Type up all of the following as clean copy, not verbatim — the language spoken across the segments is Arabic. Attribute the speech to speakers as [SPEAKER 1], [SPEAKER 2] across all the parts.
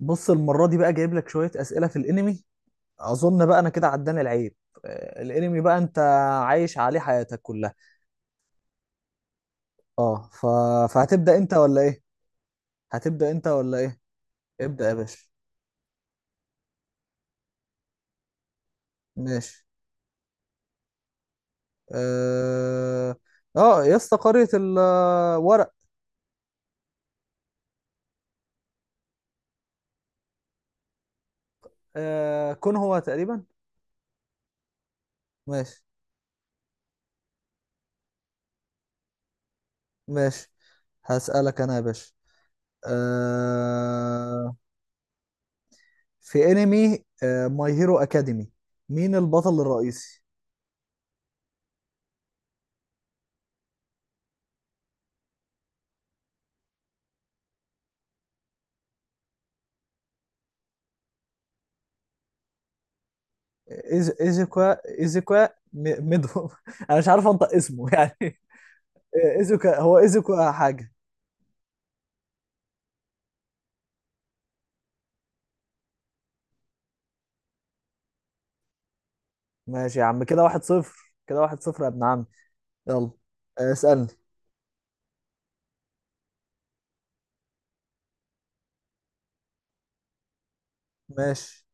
[SPEAKER 1] بص، المرة دي بقى جايب لك شوية أسئلة في الأنمي. أظن بقى أنا كده عداني العيب. الأنمي بقى أنت عايش عليه حياتك كلها. أه ف... فهتبدأ أنت ولا إيه؟ هتبدأ أنت ولا إيه؟ ابدأ يا باشا. ماشي. أه أه يا اسطى، قرية الورق. كون هو تقريبا. ماشي. ماشي، هسألك أنا يا باشا. أه... في أنمي ماي هيرو أكاديمي، مين البطل الرئيسي؟ ايزوكا، ايزوكا. ميدو. انا مش عارف انطق اسمه يعني. ايزوكا، هو ايزوكا حاجة. ماشي يا عم، كده واحد صفر، كده واحد صفر يا ابن عم. يلا. اسألني. ماشي.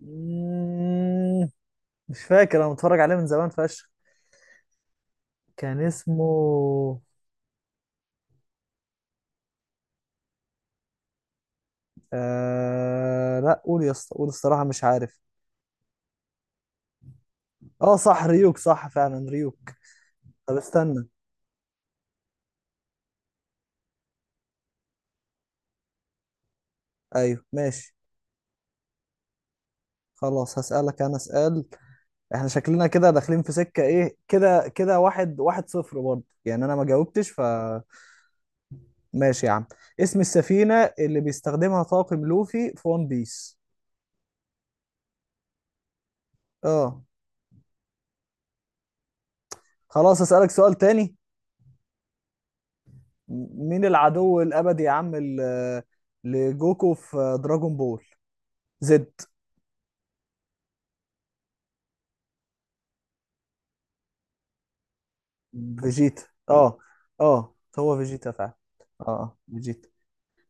[SPEAKER 1] مم، مش فاكر، انا متفرج عليه من زمان فشخ. كان اسمه... لا قول يا اسطى، قول، الصراحة مش عارف. اه صح، ريوك، صح فعلا ريوك. طب استنى. ايوه ماشي. خلاص، هسألك انا سؤال. احنا شكلنا كده داخلين في سكة ايه، كده كده واحد واحد صفر برضه، يعني انا ما جاوبتش، فماشي. يا عم، اسم السفينة اللي بيستخدمها طاقم لوفي في ون بيس؟ اه. خلاص، اسألك سؤال تاني. مين العدو الابدي يا عم لجوكو في دراجون بول زد؟ فيجيتا. اه اه هو فيجيتا فعلا. اه، فيجيتا.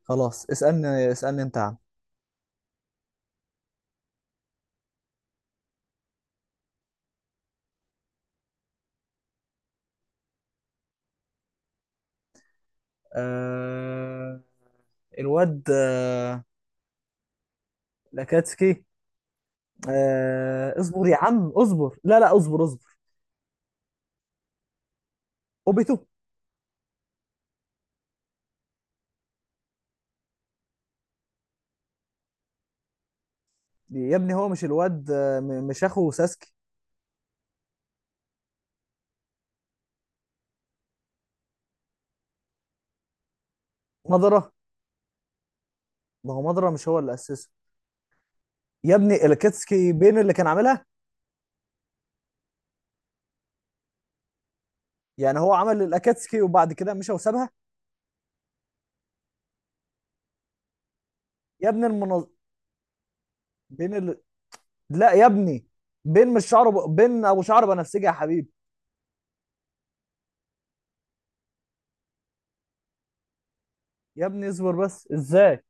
[SPEAKER 1] خلاص، اسألني، اسألني انت يا عم. آه... الواد لاكاتسكي. اصبر يا عم، اصبر، لا لا، اصبر، اصبر. اوبيتو. يا ابني، هو مش الواد، مش اخو ساسكي. مضرة. ما هو مضرة، مش هو اللي اسسه؟ يا ابني، الاكاتسكي بين اللي كان عاملها. يعني هو عمل الاكاتسكي وبعد كده مشى وسابها؟ يا ابني المنظ... بين ال... لا يا ابني، بين مش شعره ب... بين ابو شعر بنفسجي يا حبيبي. يا ابني اصبر بس، ازاي!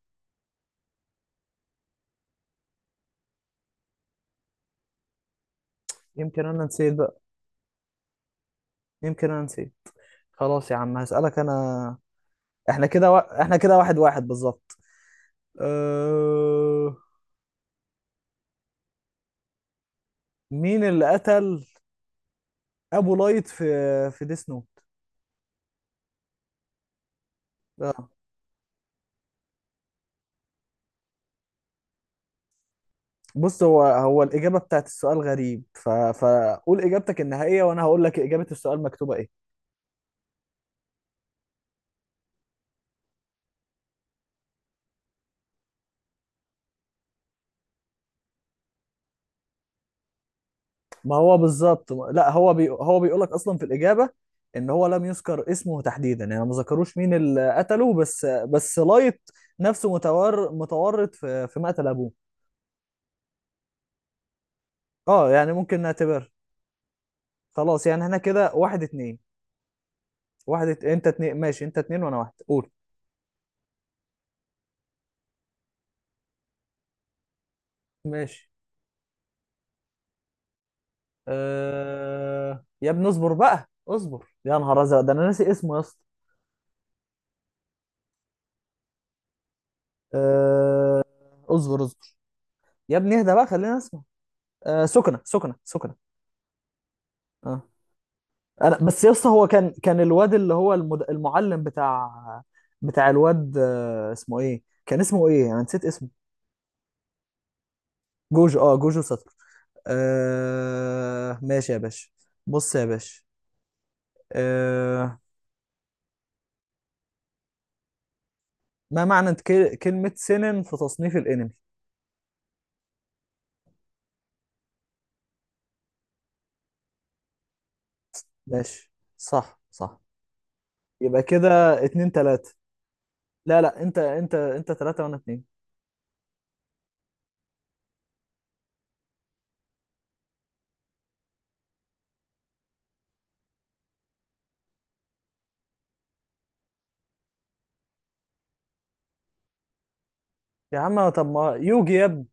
[SPEAKER 1] يمكن انا نسيت بقى، يمكن انا نسيت. خلاص يا عم، هسألك انا. احنا كده واحد واحد بالظبط. أه... مين اللي قتل ابو لايت في ديس نوت؟ اه. بص، هو الاجابه بتاعت السؤال غريب، فقول اجابتك النهائيه وانا هقول لك اجابه السؤال مكتوبه ايه. ما هو بالظبط، لا هو هو بيقول لك اصلا في الاجابه ان هو لم يذكر اسمه تحديدا، يعني ما ذكروش مين اللي قتله، بس لايت نفسه متورط في مقتل ابوه. اه، يعني ممكن نعتبر. خلاص يعني احنا كده واحد اتنين. انت اتنين، ماشي، انت اتنين وانا واحد، قول. ماشي. يا ابني اصبر بقى، اصبر، يا نهار ازرق، ده انا ناسي اسمه يا اسطى. أه... اصبر، اصبر. يا ابني اهدى بقى، خلينا اسمه... سكنة، سكنة، سكنة. أه. انا بس يا اسطى، هو كان الواد اللي هو المعلم بتاع الواد، اسمه ايه، كان اسمه ايه، انا نسيت اسمه. جوجو، اه جوجو سطر. ماشي يا باشا. بص يا باشا، أه... ما معنى كلمة سنن في تصنيف الانمي؟ ماشي. صح، صح. يبقى كده اتنين تلاتة. لا لا، انت انت تلاتة وانا اتنين. يا عم طب ما يوجي يا ابني!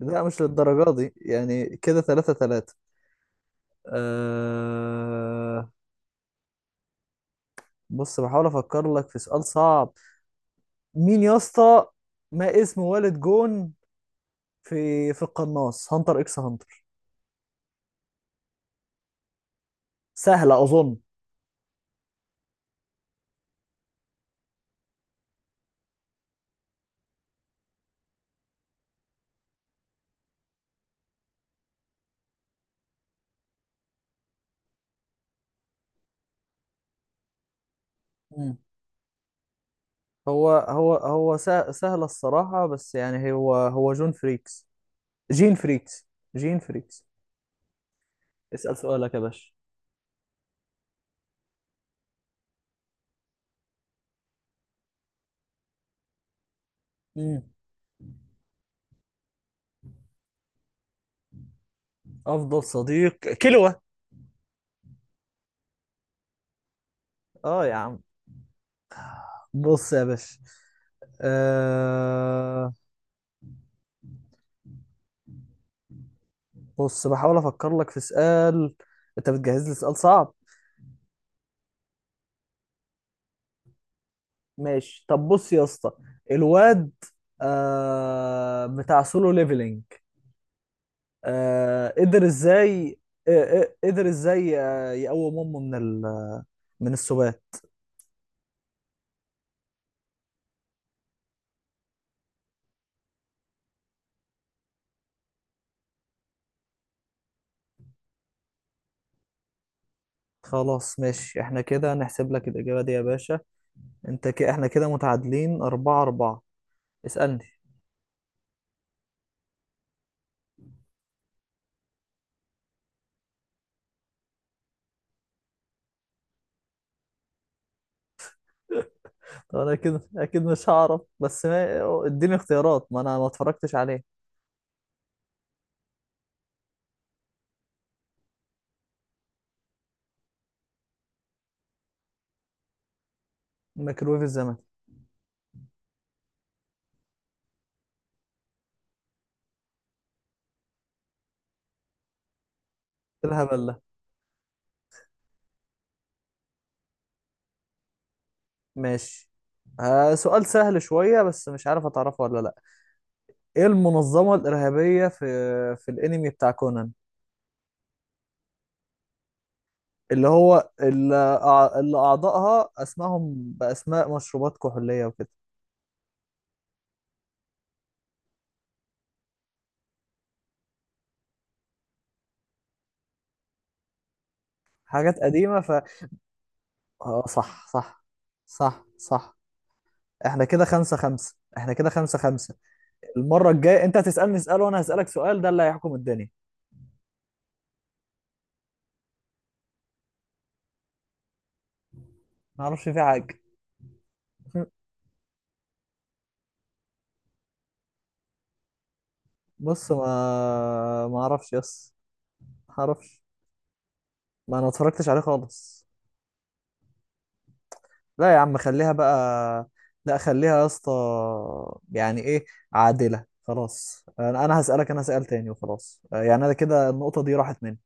[SPEAKER 1] لا مش للدرجة دي يعني، كده تلاتة تلاتة. أه... بص بحاول افكر لك في سؤال صعب. مين يا اسطى، ما اسم والد جون في القناص، هانتر اكس هانتر؟ سهلة اظن. مم. سهلة الصراحة، بس يعني هو جون فريكس، جين فريكس، جين فريكس. اسأل سؤالك يا باشا. مم. افضل صديق، كلوة. اه يا عم. بص يا باشا، أه... بص بحاول افكر لك في سؤال. انت بتجهز لي سؤال صعب. ماشي طب بص يا اسطى، الواد بتاع سولو ليفلينج، قدر ازاي... أه... أه، قدر ازاي يقوم امه من من السبات؟ خلاص ماشي، احنا كده نحسب لك الاجابة دي يا باشا. احنا كده متعادلين اربعة اربعة. اسألني. انا اكيد، اكيد مش هعرف، بس ما اديني اختيارات، ما انا ما اتفرجتش عليه. ميكرويف الزمن. إيه الهبل ده! ماشي. آه سؤال سهل شوية، بس مش عارف هتعرفه ولا لا. ايه المنظمة الإرهابية في الانمي بتاع كونان، اللي هو اللي, أع- اللي اعضائها اسمائهم باسماء مشروبات كحولية وكده؟ حاجات قديمة ف... آه صح، صح، صح، صح. احنا كده خمسة خمسة، احنا كده خمسة خمسة. المرة الجاية انت هتسألني سؤال وانا هسألك سؤال، ده اللي هيحكم الدنيا. ما اعرفش فيه حاجه. بص، ما اعرفش يس، ما اعرفش، ما انا اتفرجتش عليه خالص. لا يا عم خليها بقى. لا خليها يا اسطى. يعني ايه عادله، خلاص انا، هسالك انا سؤال تاني وخلاص، يعني انا كده النقطه دي راحت مني.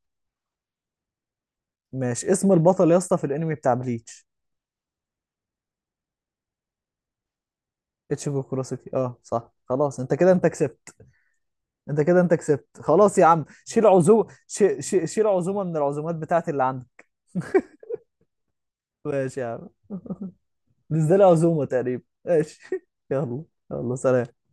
[SPEAKER 1] ماشي، اسم البطل يا اسطى في الانمي بتاع بليتش؟ اتشيجو كوروسوكي، اه صح، خلاص انت كده انت كسبت. انت كده انت كسبت، خلاص يا عم شيل عزومه، شيل عزومه من العزومات بتاعتي اللي عندك. ماشي يا عم. دي ازاي العزومة تقريبا، ماشي. يلا. يلا سلام.